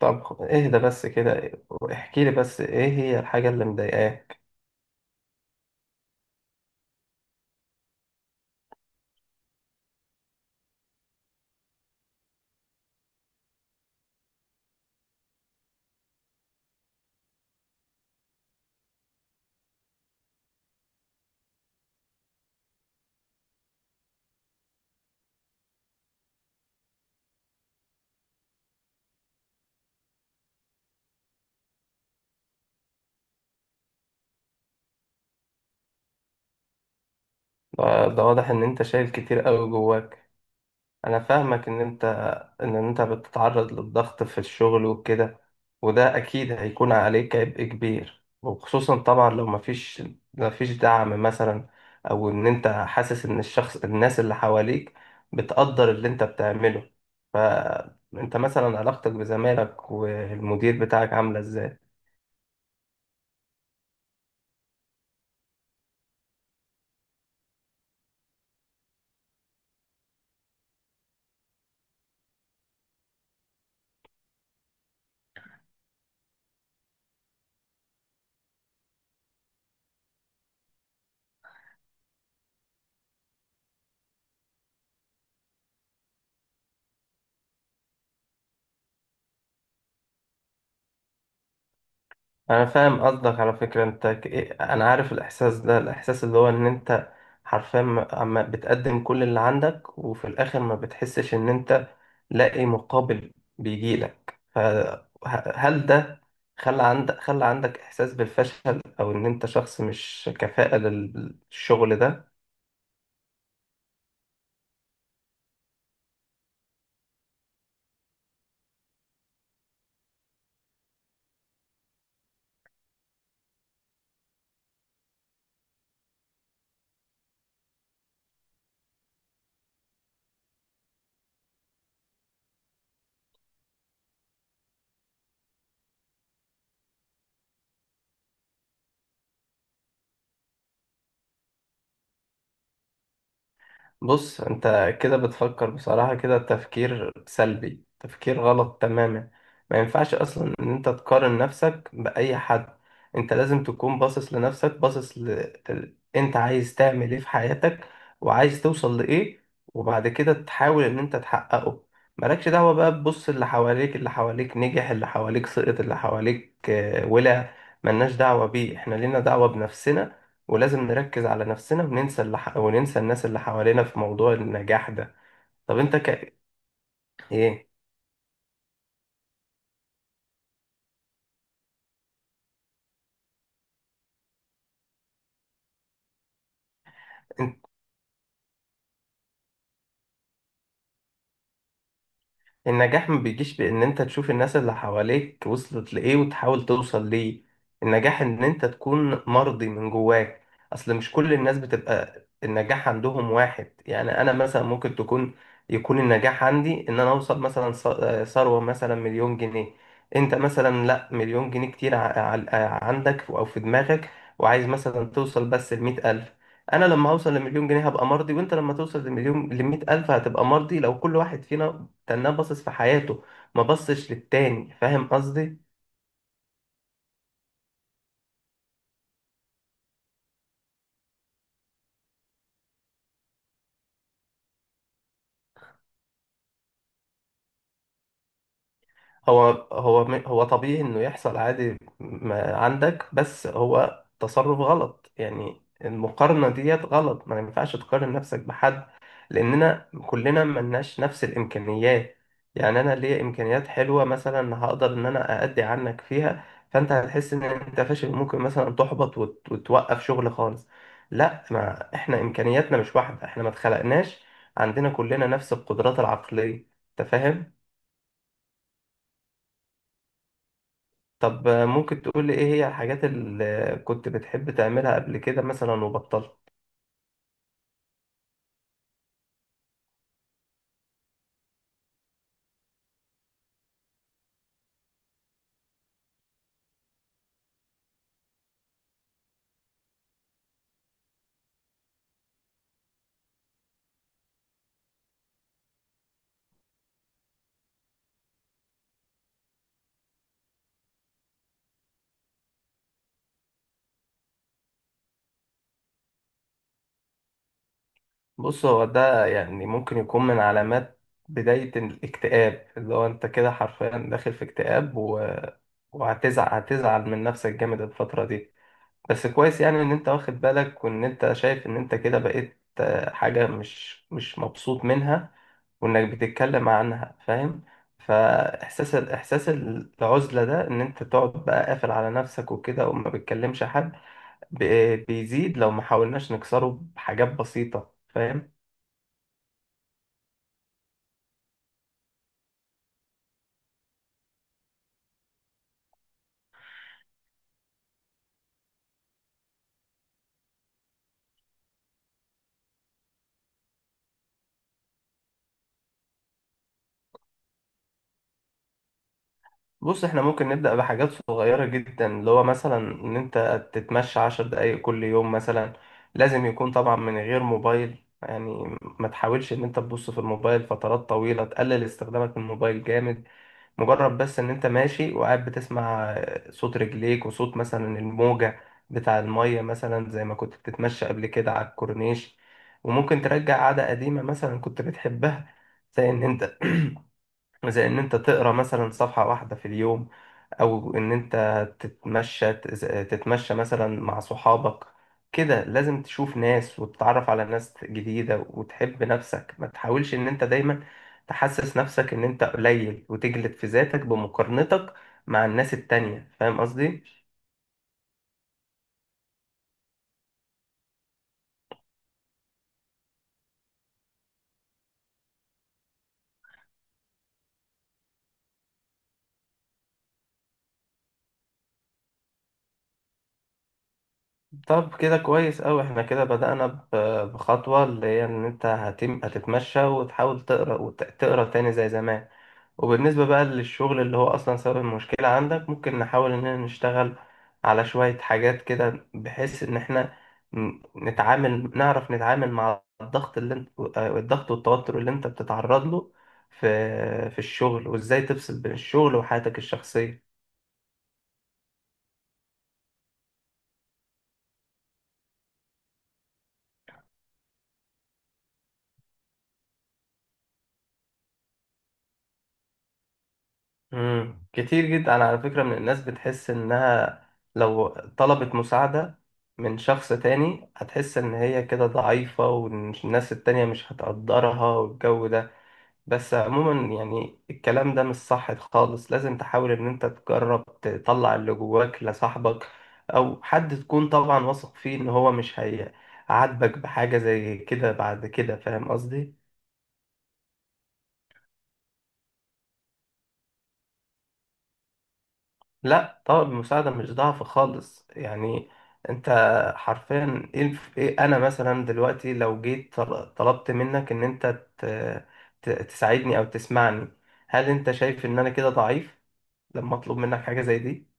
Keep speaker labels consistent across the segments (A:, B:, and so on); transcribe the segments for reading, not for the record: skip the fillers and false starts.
A: طب اهدى بس كده، واحكي لي بس ايه هي الحاجة اللي مضايقاك؟ ده واضح ان انت شايل كتير قوي جواك. انا فاهمك ان انت بتتعرض للضغط في الشغل وكده. وده اكيد هيكون عليك عبء كبير، وخصوصا طبعا لو مفيش دعم مثلا. او ان انت حاسس ان الناس اللي حواليك بتقدر اللي انت بتعمله. فانت مثلا علاقتك بزمايلك والمدير بتاعك عاملة ازاي؟ انا فاهم قصدك على فكرة. انا عارف الاحساس ده، الاحساس اللي هو ان انت حرفيا عم بتقدم كل اللي عندك، وفي الاخر ما بتحسش ان انت لاقي مقابل بيجيلك. فهل ده خلى عندك احساس بالفشل، او ان انت شخص مش كفاءة للشغل ده؟ بص، انت كده بتفكر بصراحة، كده تفكير سلبي، تفكير غلط تماما. ما ينفعش اصلا ان انت تقارن نفسك بأي حد. انت لازم تكون باصص لنفسك، انت عايز تعمل ايه في حياتك؟ وعايز توصل لايه؟ وبعد كده تحاول ان انت تحققه. مالكش دعوة بقى تبص اللي حواليك. اللي حواليك نجح، اللي حواليك سقط، اللي حواليك ولا... ملناش دعوة بيه. احنا لينا دعوة بنفسنا. ولازم نركز على نفسنا وننسى وننسى الناس اللي حوالينا في موضوع النجاح ده. طب انت ك... ايه؟ النجاح ما بيجيش بإن أنت تشوف الناس اللي حواليك وصلت لإيه وتحاول توصل ليه. النجاح إن أنت تكون مرضي من جواك. أصل مش كل الناس بتبقى النجاح عندهم واحد. يعني أنا مثلا ممكن يكون النجاح عندي إن أنا أوصل مثلا ثروة مثلا مليون جنيه. أنت مثلا لأ، مليون جنيه كتير عندك أو في دماغك. وعايز مثلا توصل بس لمية ألف. أنا لما أوصل لمليون جنيه هبقى مرضي، وأنت لما توصل لمية ألف هتبقى مرضي، لو كل واحد فينا تناه باصص في حياته ما بصش للتاني. فاهم قصدي؟ هو طبيعي انه يحصل، عادي ما عندك، بس هو تصرف غلط. يعني المقارنة ديت غلط، ما ينفعش تقارن نفسك بحد. لاننا كلنا ملناش نفس الامكانيات. يعني انا ليا امكانيات حلوه مثلا، هقدر ان انا اادي عنك فيها. فانت هتحس ان انت فاشل، ممكن مثلا تحبط وتوقف شغل خالص. لا، ما احنا امكانياتنا مش واحده، احنا ما اتخلقناش عندنا كلنا نفس القدرات العقليه. انت فاهم؟ طب ممكن تقول لي ايه هي الحاجات اللي كنت بتحب تعملها قبل كده مثلا وبطلت؟ بص، هو ده يعني ممكن يكون من علامات بداية الاكتئاب، اللي هو انت كده حرفيا داخل في اكتئاب وهتزعل من نفسك جامد الفترة دي. بس كويس، يعني ان انت واخد بالك، وان انت شايف ان انت كده بقيت حاجة مش مبسوط منها، وانك بتتكلم عنها. فاهم؟ احساس العزلة ده ان انت تقعد بقى قافل على نفسك وكده، وما بتكلمش حد بيزيد لو ما حاولناش نكسره بحاجات بسيطة. فاهم؟ بص، احنا ممكن نبدأ بحاجات صغيرة جدا، اللي هو مثلا ان انت تتمشى 10 دقايق كل يوم مثلا. لازم يكون طبعا من غير موبايل، يعني ما تحاولش ان انت تبص في الموبايل فترات طويلة. تقلل استخدامك للموبايل جامد. مجرد بس ان انت ماشي وقاعد بتسمع صوت رجليك وصوت مثلا الموجة بتاع المية مثلا، زي ما كنت بتتمشى قبل كده على الكورنيش. وممكن ترجع عادة قديمة مثلا كنت بتحبها، زي ان انت زي ان انت تقرا مثلا صفحة واحدة في اليوم، او ان انت تتمشى تتمشى مثلا مع صحابك. كده لازم تشوف ناس وتتعرف على ناس جديدة وتحب نفسك. ما تحاولش ان انت دايما تحسس نفسك ان انت قليل وتجلد في ذاتك بمقارنتك مع الناس التانية. فاهم قصدي؟ طب كده كويس أوي، احنا كده بدأنا بخطوة، اللي هي ان انت هتتمشى وتحاول تقرا وتقرا تاني زي زمان. وبالنسبة بقى للشغل اللي هو أصلا سبب المشكلة عندك، ممكن نحاول إننا نشتغل على شوية حاجات كده، بحيث إن إحنا ن- نتعامل نعرف نتعامل مع الضغط، اللي انت آه، الضغط والتوتر اللي أنت بتتعرض له في الشغل، وإزاي تفصل بين الشغل وحياتك الشخصية. مم. كتير جدا على فكرة من الناس بتحس إنها لو طلبت مساعدة من شخص تاني هتحس إن هي كده ضعيفة، والناس التانية مش هتقدرها والجو ده. بس عموما يعني الكلام ده مش صح خالص. لازم تحاول ان انت تجرب تطلع اللي جواك لصاحبك او حد تكون طبعا واثق فيه ان هو مش هيعاتبك بحاجة زي كده بعد كده. فاهم قصدي؟ لا طبعا، المساعدة مش ضعف خالص. يعني انت حرفيا ايه الف- إيه انا مثلا دلوقتي لو جيت طلبت منك ان انت ت- تساعدني او تسمعني، هل انت شايف ان انا كده ضعيف لما اطلب منك حاجة زي دي؟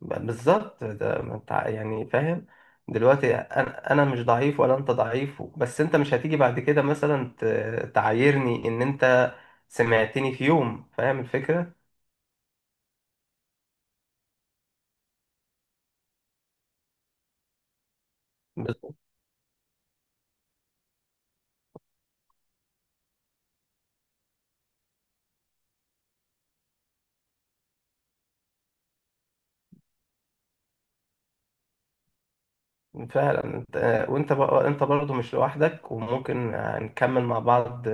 A: بالظبط ده. ما انت يعني فاهم. دلوقتي انا مش ضعيف ولا انت ضعيف، بس انت مش هتيجي بعد كده مثلا تعايرني ان انت سمعتني في يوم. فاهم الفكرة؟ بس- فعلا انت. وانت بقى انت برضه مش لوحدك، وممكن نكمل مع بعض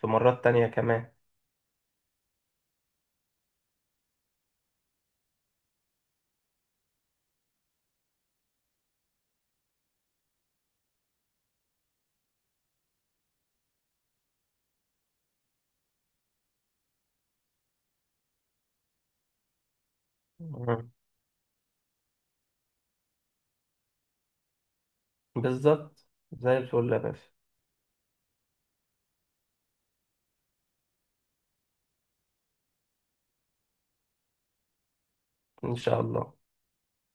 A: في مرات تانية كمان. مم. بالظبط. زي الفل يا باشا. ان شاء الله.